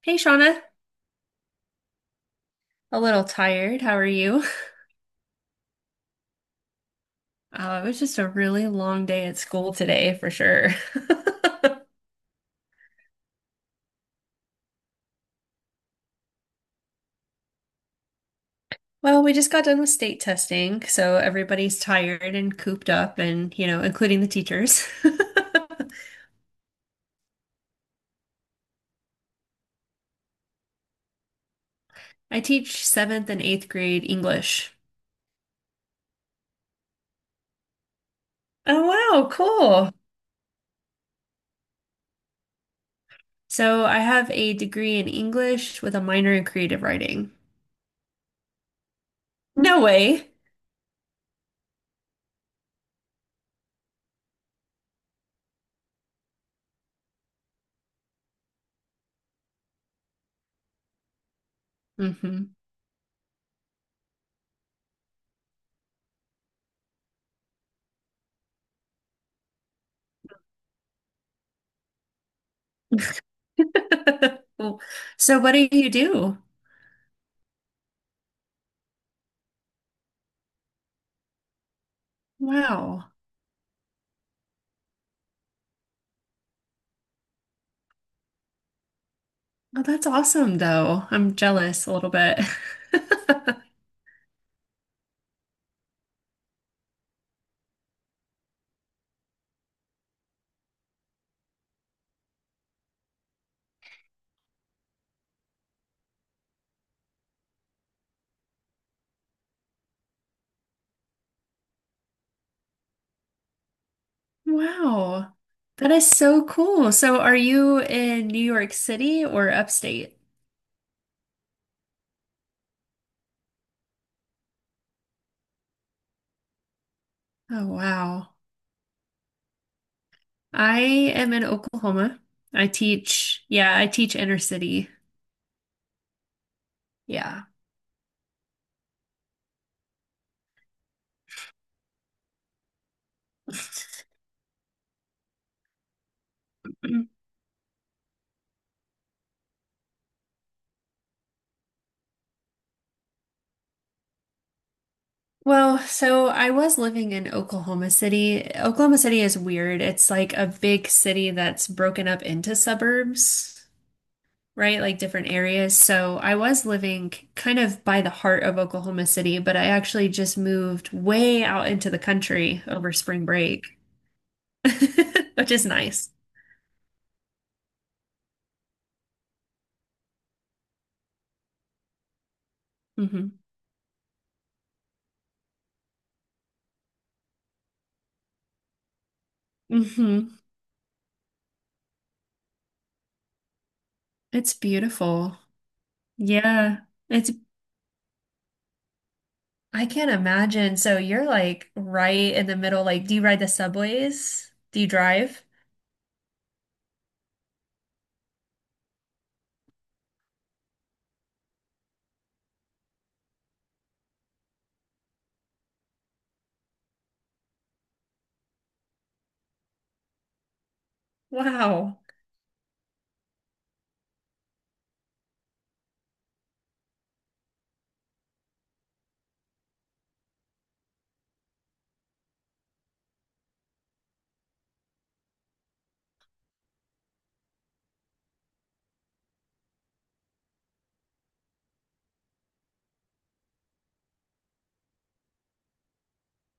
Hey, Shauna. A little tired. How are you? It was just a really long day at school today, for sure. Well, we just got done with state testing, so everybody's tired and cooped up, and, you know, including the teachers. I teach seventh and eighth grade English. Oh, wow, cool. So I have a degree in English with a minor in creative writing. No way. Hmm. So what do you do? Wow. Oh, that's awesome, though. I'm jealous a little bit. Wow. That is so cool. So, are you in New York City or upstate? Oh, wow. I am in Oklahoma. I teach, yeah, I teach inner city. Yeah. Well, so I was living in Oklahoma City. Oklahoma City is weird. It's like a big city that's broken up into suburbs. Right? Like different areas. So I was living kind of by the heart of Oklahoma City, but I actually just moved way out into the country over spring break, which is nice. Hmm. Hmm. It's beautiful. Yeah. It's, I can't imagine. So you're like right in the middle. Like, do you ride the subways? Do you drive? Wow.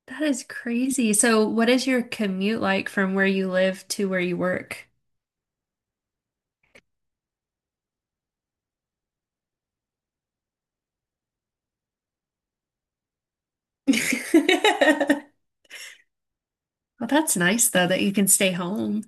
That is crazy. So, what is your commute like from where you live to where you work? Well, that's nice though that you can stay home.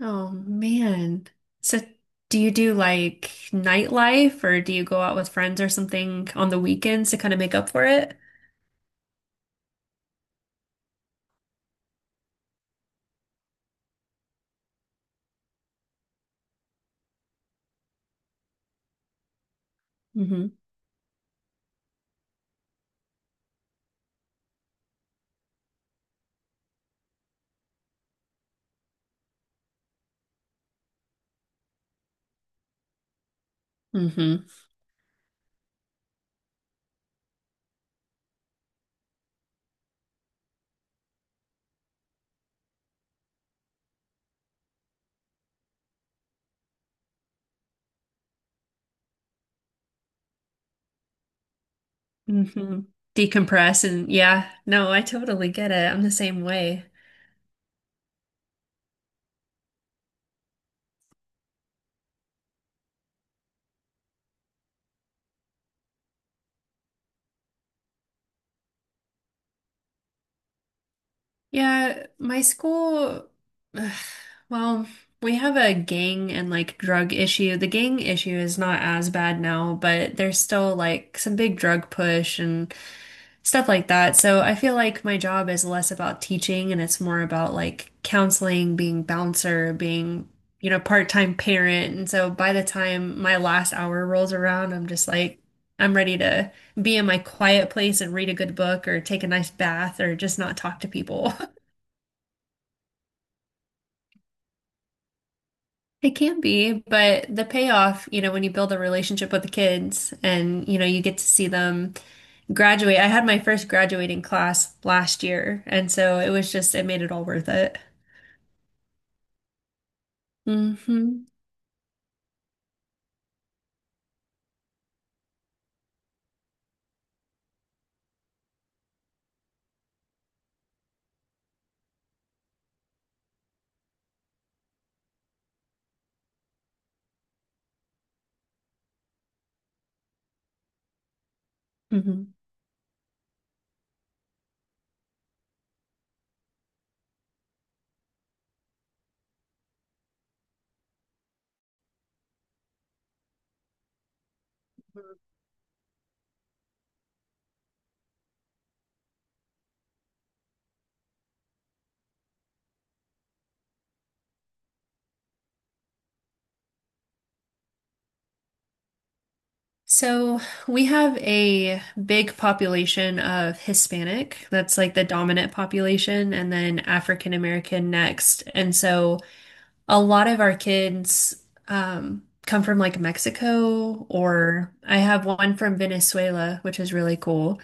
Oh man. So do you do like nightlife or do you go out with friends or something on the weekends to kind of make up for it? Hmm. Hmm. Hmm. Decompress and yeah, no, I totally get it. I'm the same way. Yeah, my school, ugh, well, we have a gang and like drug issue. The gang issue is not as bad now, but there's still like some big drug push and stuff like that. So I feel like my job is less about teaching and it's more about like counseling, being bouncer, being, you know, part-time parent. And so by the time my last hour rolls around, I'm ready to be in my quiet place and read a good book or take a nice bath or just not talk to people. It can be, but the payoff, you know, when you build a relationship with the kids and, you know, you get to see them graduate. I had my first graduating class last year, and so it made it all worth it. Hmm. Hmm. So we have a big population of Hispanic. That's like the dominant population, and then African American next. And so a lot of our kids come from like Mexico, or I have one from Venezuela, which is really cool.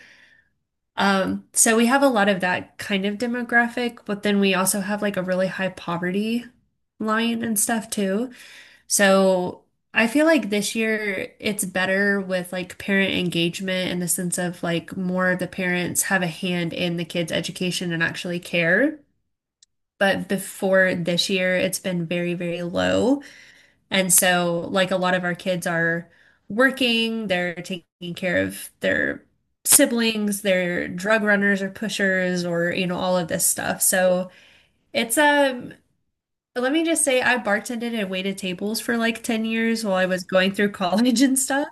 So we have a lot of that kind of demographic, but then we also have like a really high poverty line and stuff too. So I feel like this year it's better with like parent engagement in the sense of like more of the parents have a hand in the kids' education and actually care. But before this year, it's been very, very low. And so, like, a lot of our kids are working, they're taking care of their siblings, they're drug runners or pushers, or, you know, all of this stuff. So, it's a let me just say, I bartended and waited tables for like 10 years while I was going through college and stuff.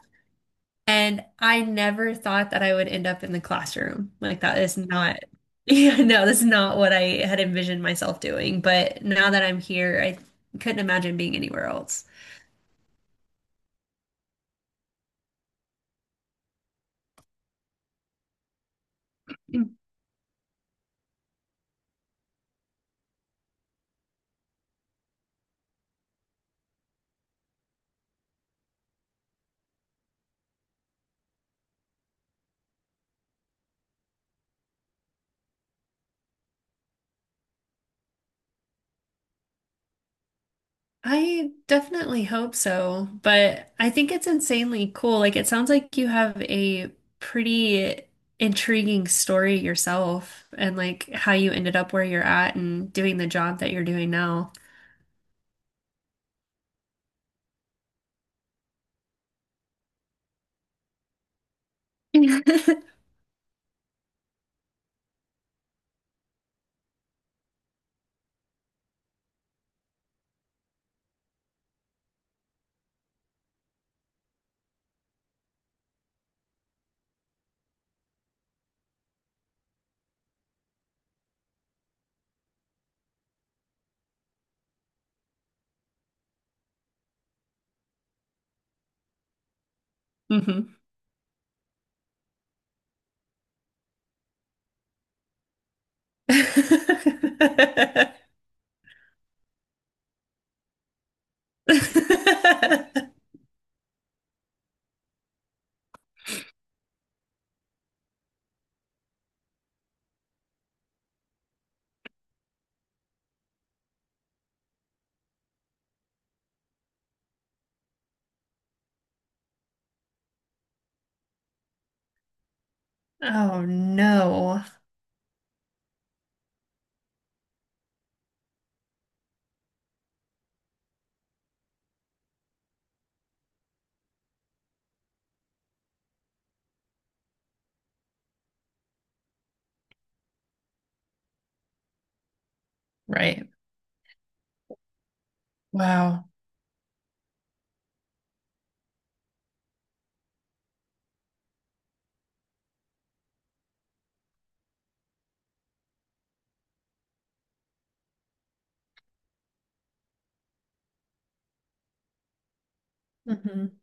And I never thought that I would end up in the classroom. Like, that is not, yeah, no, that's not what I had envisioned myself doing. But now that I'm here, I couldn't imagine being anywhere else. I definitely hope so, but I think it's insanely cool. Like, it sounds like you have a pretty intriguing story yourself and like how you ended up where you're at and doing the job that you're doing now. Hmm. Oh no. Right. Wow. Mhm.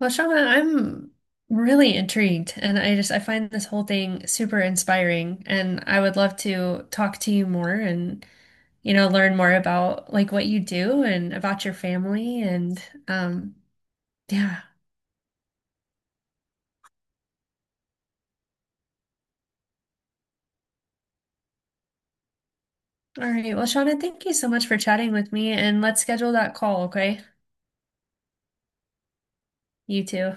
Well, Shauna, I'm really intrigued, and I just I find this whole thing super inspiring, and I would love to talk to you more and you know learn more about like what you do and about your family and um yeah. All right. Well, Shauna, thank you so much for chatting with me, and let's schedule that call, okay? You too.